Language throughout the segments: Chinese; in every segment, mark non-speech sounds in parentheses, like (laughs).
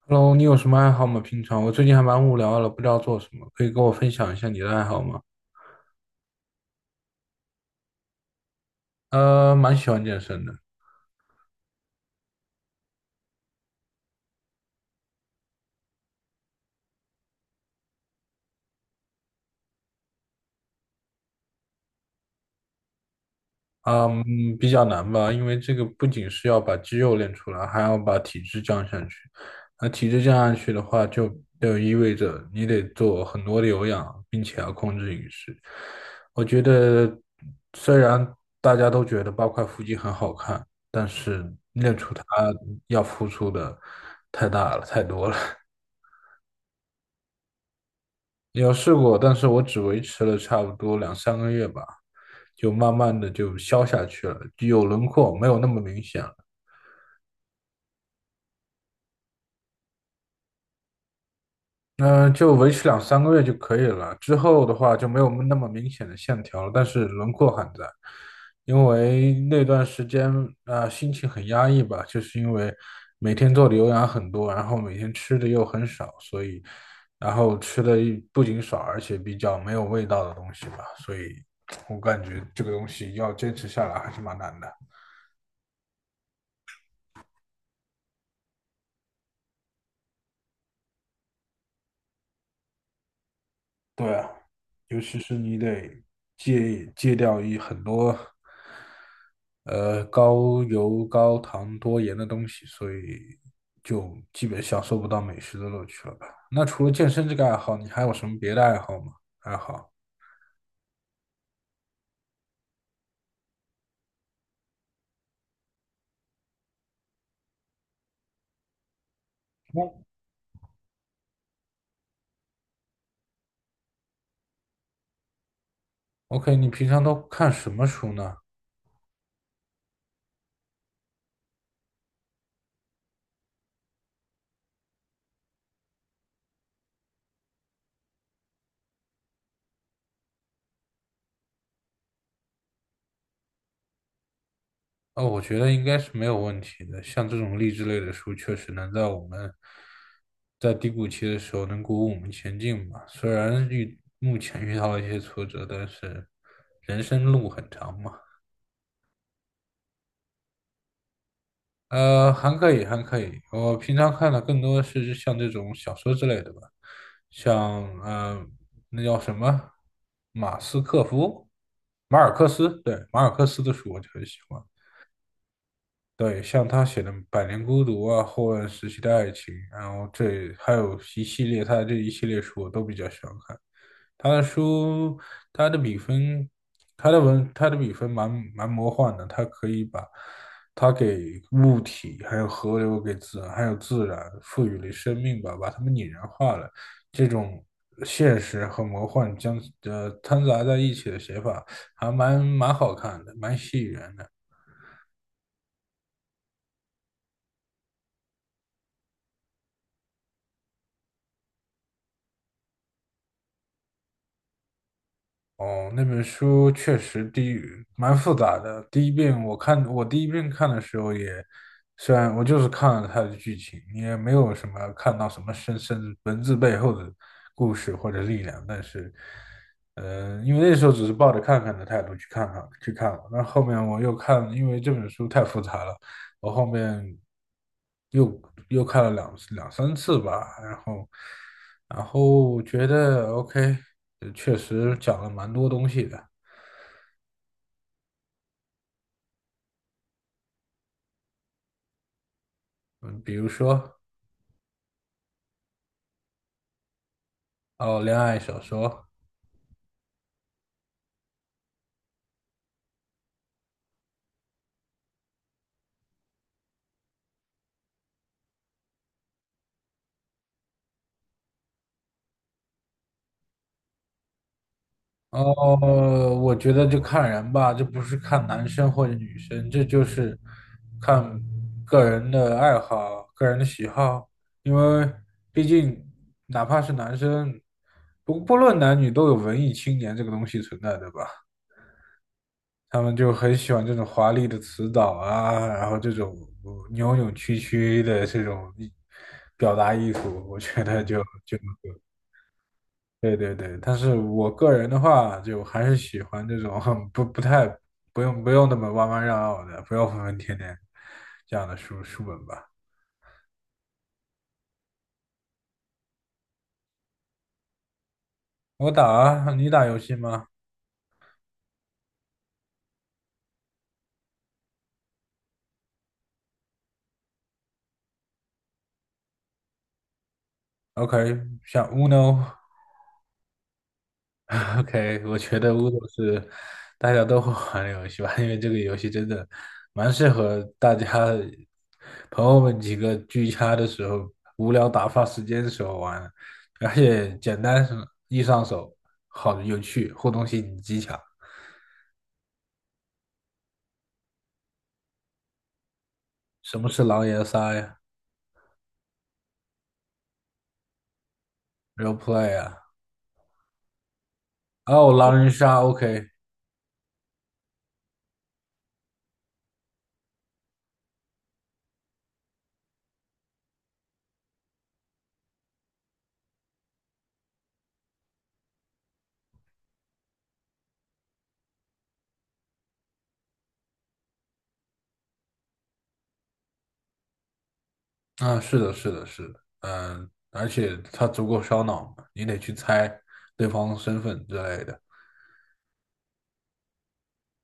Hello，你有什么爱好吗？平常我最近还蛮无聊的，不知道做什么，可以跟我分享一下你的爱好吗？蛮喜欢健身的。嗯，比较难吧，因为这个不仅是要把肌肉练出来，还要把体质降下去。那体质降下去的话，就意味着你得做很多的有氧，并且要控制饮食。我觉得，虽然大家都觉得8块腹肌很好看，但是练出它要付出的太大了，太多了。有试过，但是我只维持了差不多两三个月吧，就慢慢的就消下去了，就有轮廓，没有那么明显了。嗯、就维持两三个月就可以了。之后的话就没有那么明显的线条了，但是轮廓还在。因为那段时间啊、心情很压抑吧，就是因为每天做的有氧很多，然后每天吃的又很少，所以然后吃的不仅少，而且比较没有味道的东西吧，所以我感觉这个东西要坚持下来还是蛮难的。对啊，尤其是你得戒掉一很多。高油、高糖、多盐的东西，所以就基本享受不到美食的乐趣了吧？那除了健身这个爱好，你还有什么别的爱好吗？爱好嗯？OK，你平常都看什么书呢？哦，我觉得应该是没有问题的。像这种励志类的书，确实能在我们在低谷期的时候能鼓舞我们前进吧。虽然遇目前遇到了一些挫折，但是人生路很长嘛。还可以，还可以。我平常看的更多是像这种小说之类的吧，像那叫什么，马斯克夫，马尔克斯，对，马尔克斯的书我就很喜欢。对，像他写的《百年孤独》啊，《后乱时期的爱情》，然后这还有一系列他的这一系列书我都比较喜欢看。他的书，他的笔分，他的文，他的笔分蛮魔幻的，他可以把他给物体、还有河流、给自然、还有自然赋予了生命吧，把它们拟人化了。这种现实和魔幻将掺杂在一起的写法，还蛮好看的，蛮吸引人的。哦，那本书确实第一蛮复杂的。第一遍我看，我第一遍看的时候也，虽然我就是看了它的剧情，也没有什么看到什么深文字背后的故事或者力量，但是，因为那时候只是抱着看看的态度去看看去看了，那后面我又看，因为这本书太复杂了，我后面又又看了两三次吧，然后觉得 OK，确实讲了蛮多东西的。嗯，比如说哦，恋爱小说。哦，我觉得就看人吧，这不是看男生或者女生，这就是看个人的爱好、个人的喜好，因为毕竟哪怕是男生，不论男女，都有文艺青年这个东西存在，对吧？他们就很喜欢这种华丽的词藻啊，然后这种扭扭曲曲的这种艺表达艺术，我觉得就对对对。但是我个人的话，就还是喜欢这种很不太不用那么弯弯绕绕的，不要疯疯癫癫这样的书本吧。我打啊，你打游戏吗？OK，像 u n。 (laughs) OK，我觉得 u n 是大家都会玩的游戏吧，因为这个游戏真的蛮适合大家朋友们几个聚餐的时候、无聊打发时间的时候玩，而且简单是易上手，好有趣，互动性极强。什么是狼人杀呀？Role play 啊？哦，狼人杀，OK。啊，是的，是的，是的。嗯，而且它足够烧脑嘛，你得去猜对方身份之类的。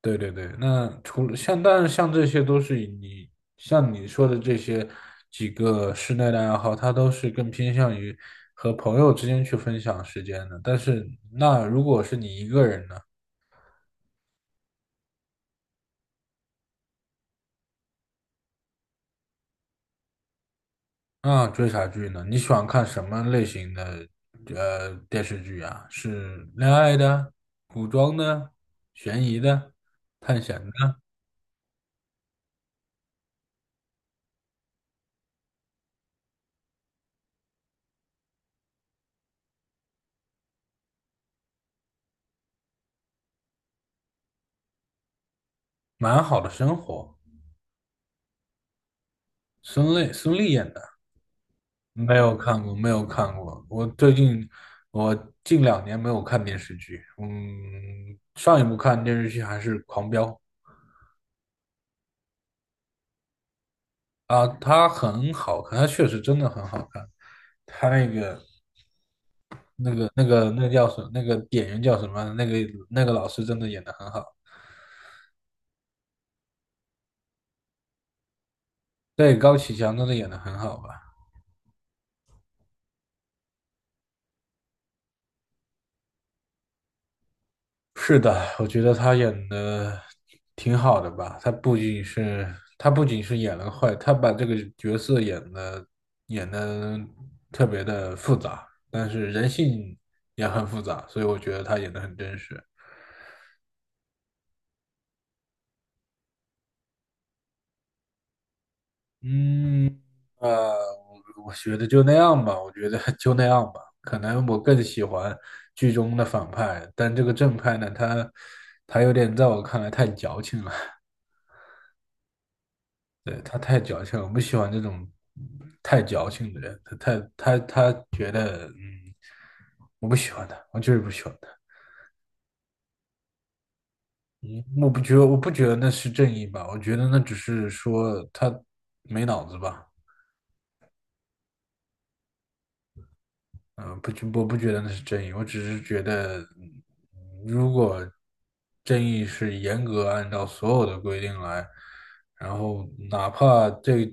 对对对。那除了像，但是像这些都是以你像你说的这些几个室内的爱好，它都是更偏向于和朋友之间去分享时间的。但是那如果是你一个人呢？那追啥剧呢？你喜欢看什么类型的电视剧啊？是恋爱的、古装的、悬疑的、探险的，蛮好的生活，孙俪演的。没有看过，没有看过。我近两年没有看电视剧。嗯，上一部看电视剧还是《狂飙》啊，它很好看，它确实真的很好看。他那个、叫什么那个演员叫什么？那个那个老师真的演的很好。对，高启强真的演的很好吧？是的，我觉得他演的挺好的吧。他不仅是演了坏，他把这个角色演的特别的复杂，但是人性也很复杂，所以我觉得他演的很真实。嗯，呃，我觉得就那样吧，我觉得 (laughs) 就那样吧。可能我更喜欢剧中的反派，但这个正派呢，他他有点在我看来太矫情了。对，他太矫情了，我不喜欢这种太矫情的人。他太他他觉得，嗯，我不喜欢他，我就是不喜欢他。嗯，我不觉得那是正义吧，我觉得那只是说他没脑子吧。嗯，不觉，我不觉得那是正义，我只是觉得，嗯如果正义是严格按照所有的规定来，然后哪怕这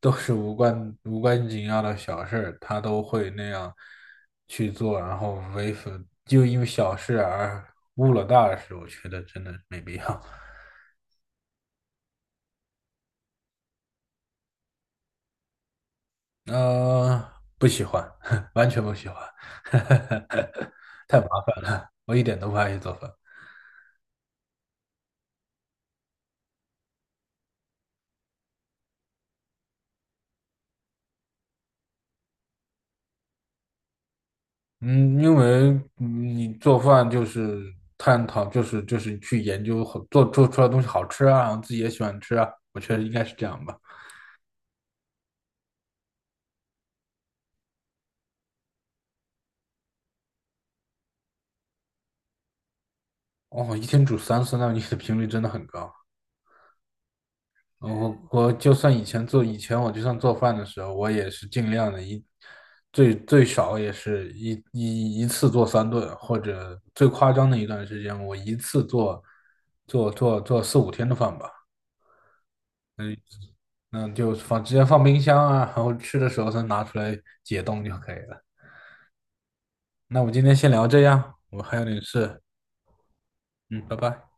都是无关紧要的小事儿，他都会那样去做，然后为反，就因为小事而误了大事，我觉得真的没必要。呃，不喜欢。(laughs) 完全不喜欢。(laughs) 太麻烦，我一点都不爱去做饭。嗯，因为你做饭就是探讨，就是去研究好做做出来的东西好吃啊，然后自己也喜欢吃啊，我觉得应该是这样吧。哦，一天煮三次，那你的频率真的很高。我我就算以前做，以前我就算做饭的时候，我也是尽量的最少也是一次做3顿，或者最夸张的一段时间，我一次做四五天的饭吧。嗯那就直接放冰箱啊，然后吃的时候再拿出来解冻就可以了。那我们今天先聊这样，我还有点事，嗯，拜拜。